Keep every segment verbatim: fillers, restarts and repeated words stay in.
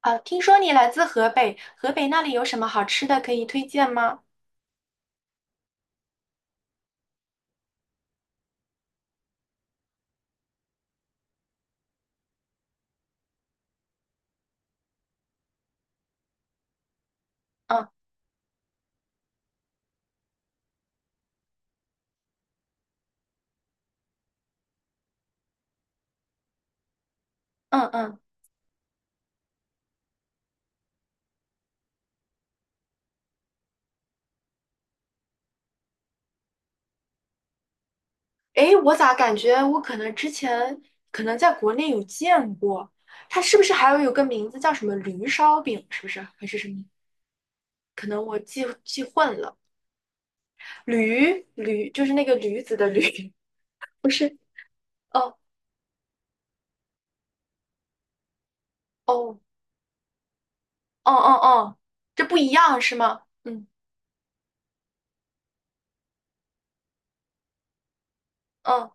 啊，听说你来自河北，河北那里有什么好吃的可以推荐吗？嗯嗯嗯，诶，我咋感觉我可能之前可能在国内有见过，它是不是还有有个名字叫什么驴烧饼？是不是还是什么？可能我记记混了，驴驴就是那个驴子的驴，不是？哦哦哦哦哦，这不一样是吗？嗯嗯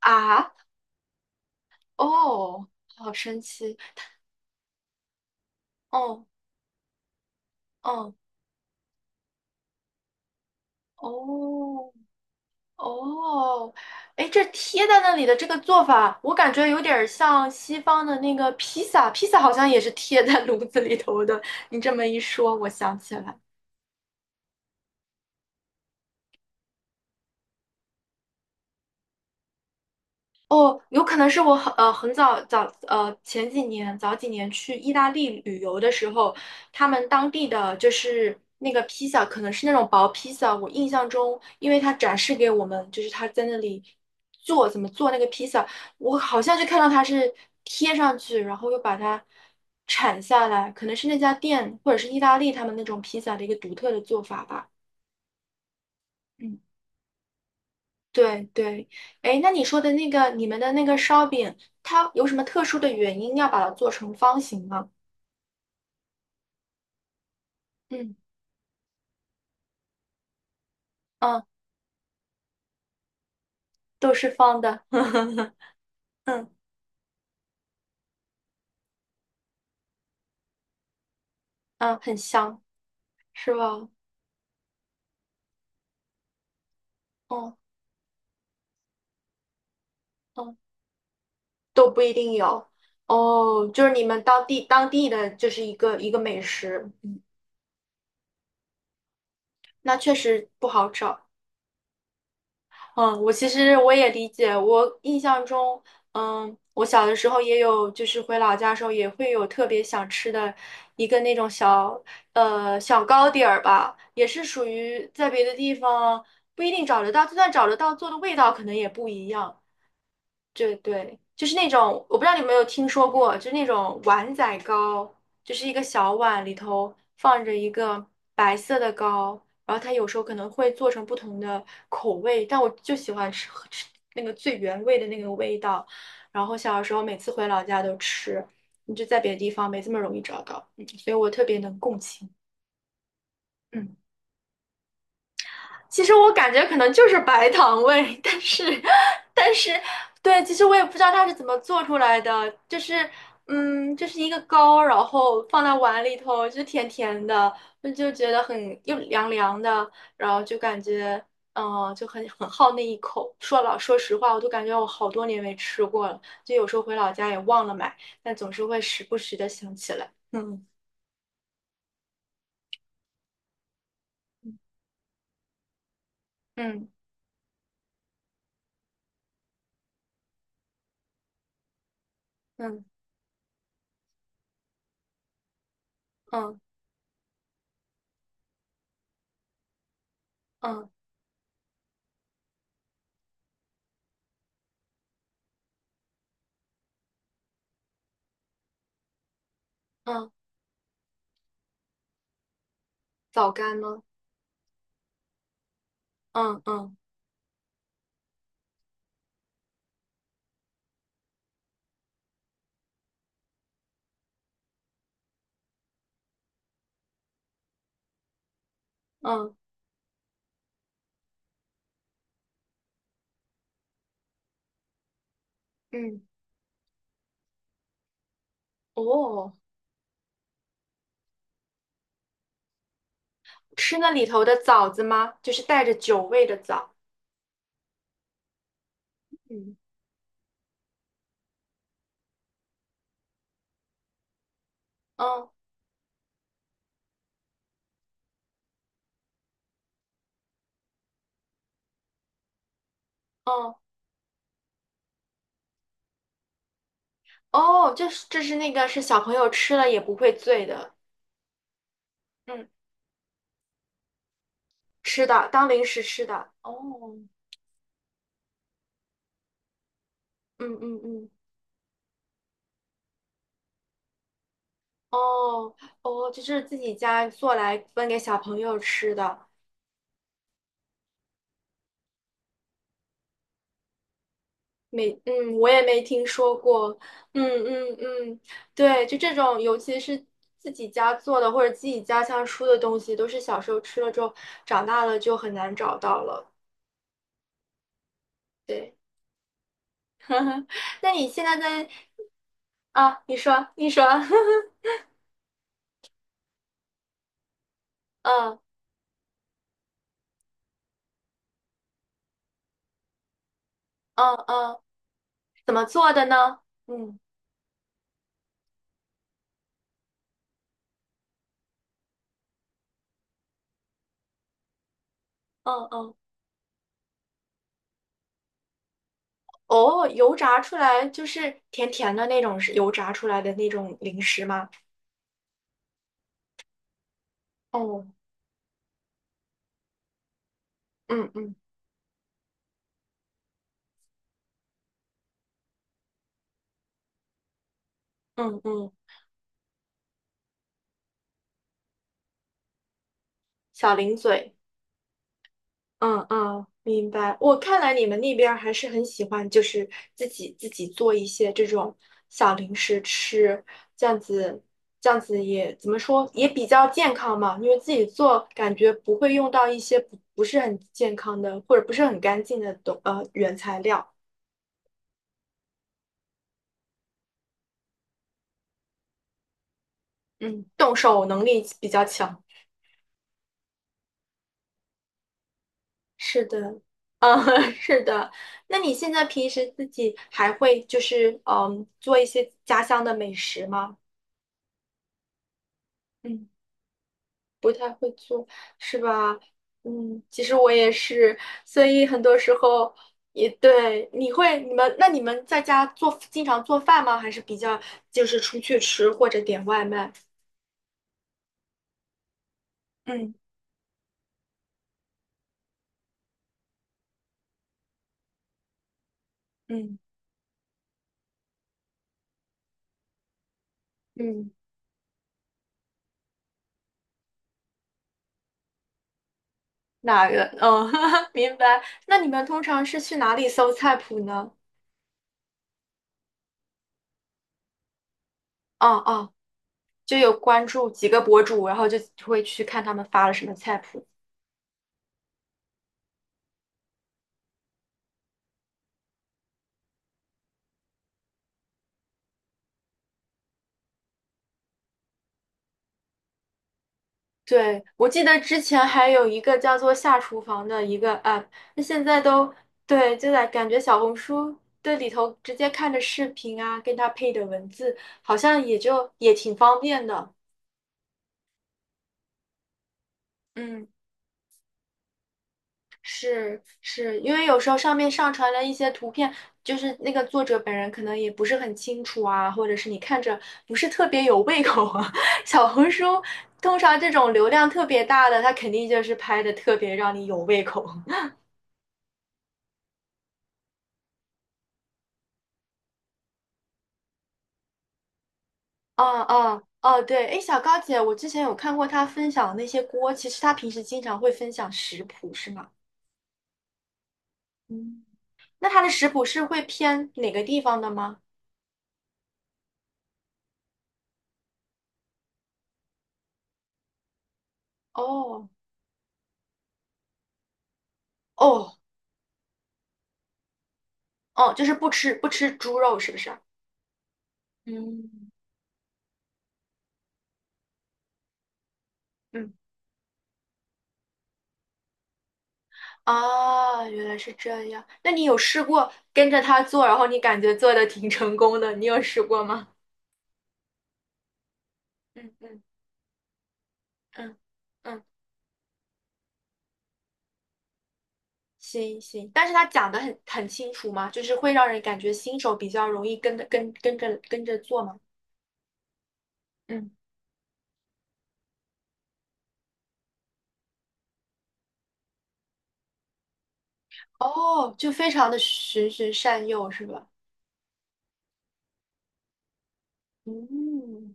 啊哦，好神奇哦哦哦。哦，哎，这贴在那里的这个做法，我感觉有点儿像西方的那个披萨，披萨好像也是贴在炉子里头的。你这么一说，我想起来。哦，有可能是我很呃很早早呃前几年早几年去意大利旅游的时候，他们当地的就是那个披萨，可能是那种薄披萨。我印象中，因为他展示给我们，就是他在那里做怎么做那个披萨，我好像就看到他是贴上去，然后又把它铲下来，可能是那家店或者是意大利他们那种披萨的一个独特的做法吧。嗯。对对，哎，那你说的那个你们的那个烧饼，它有什么特殊的原因要把它做成方形吗？嗯嗯，都是方的，嗯嗯，很香，是吧？嗯嗯，都不一定有哦，就是你们当地当地的就是一个一个美食，那确实不好找。嗯，我其实我也理解。我印象中，嗯，我小的时候也有，就是回老家的时候也会有特别想吃的一个那种小，呃，小糕点儿吧，也是属于在别的地方不一定找得到，就算找得到，做的味道可能也不一样。对对，就是那种，我不知道你有没有听说过，就是那种碗仔糕，就是一个小碗里头放着一个白色的糕，然后它有时候可能会做成不同的口味，但我就喜欢吃吃那个最原味的那个味道。然后小的时候每次回老家都吃，你就在别的地方没这么容易找到，嗯，所以我特别能共情。嗯。其实我感觉可能就是白糖味，但是，但是，对，其实我也不知道它是怎么做出来的，就是，嗯，就是一个糕，然后放在碗里头，就甜甜的，我就觉得很又凉凉的，然后就感觉，嗯、就很很好那一口。说老说实话，我都感觉我好多年没吃过了，就有时候回老家也忘了买，但总是会时不时的想起来。嗯嗯嗯嗯嗯嗯，枣干吗？嗯嗯嗯。嗯，哦，吃那里头的枣子吗？就是带着酒味的枣。嗯，嗯哦，哦，哦，这是这是那个是小朋友吃了也不会醉的。嗯，吃的，当零食吃的。哦，嗯嗯嗯，哦哦，就是自己家做来分给小朋友吃的。没，嗯，我也没听说过，嗯嗯嗯，对，就这种，尤其是自己家做的或者自己家乡出的东西，都是小时候吃了之后，长大了就很难找到了。对，那你现在在啊？你说，你说，嗯嗯嗯，怎么做的呢？嗯嗯嗯，哦，油炸出来就是甜甜的那种，是油炸出来的那种零食吗？哦，嗯嗯嗯嗯，小零嘴。嗯嗯，明白。我看来你们那边儿还是很喜欢，就是自己自己做一些这种小零食吃，这样子，这样子也怎么说，也比较健康嘛。因为自己做，感觉不会用到一些不不是很健康的，或者不是很干净的东呃原材料。嗯，动手能力比较强。是的，嗯，是的。那你现在平时自己还会就是嗯做一些家乡的美食吗？嗯。不太会做，是吧？嗯，其实我也是，所以很多时候也对，你会，你们，那你们在家做，经常做饭吗？还是比较就是出去吃或者点外卖？嗯嗯，嗯，哪个？嗯，明白。那你们通常是去哪里搜菜谱呢？哦哦，就有关注几个博主，然后就会去看他们发了什么菜谱。对，我记得之前还有一个叫做“下厨房”的一个 app，那现在都对，就在感觉小红书这里头直接看着视频啊，跟它配的文字，好像也就也挺方便的。嗯，是是，因为有时候上面上传了一些图片，就是那个作者本人可能也不是很清楚啊，或者是你看着不是特别有胃口啊。小红书通常这种流量特别大的，它肯定就是拍的特别让你有胃口。哦哦哦，对，哎，小高姐，我之前有看过她分享的那些锅，其实她平时经常会分享食谱，是吗？嗯，那她的食谱是会偏哪个地方的吗？哦哦哦，就是不吃不吃猪肉，是不是？嗯嗯，啊，原来是这样。那你有试过跟着她做，然后你感觉做的挺成功的，你有试过吗？嗯嗯嗯嗯。行行，但是他讲的很很清楚嘛，就是会让人感觉新手比较容易跟着跟跟着跟着做嘛。嗯，哦，就非常的循循善诱是吧？嗯，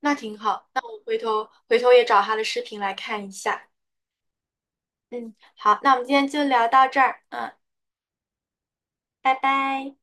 那挺好，那我回头回头也找他的视频来看一下。嗯，好，那我们今天就聊到这儿，嗯，拜拜。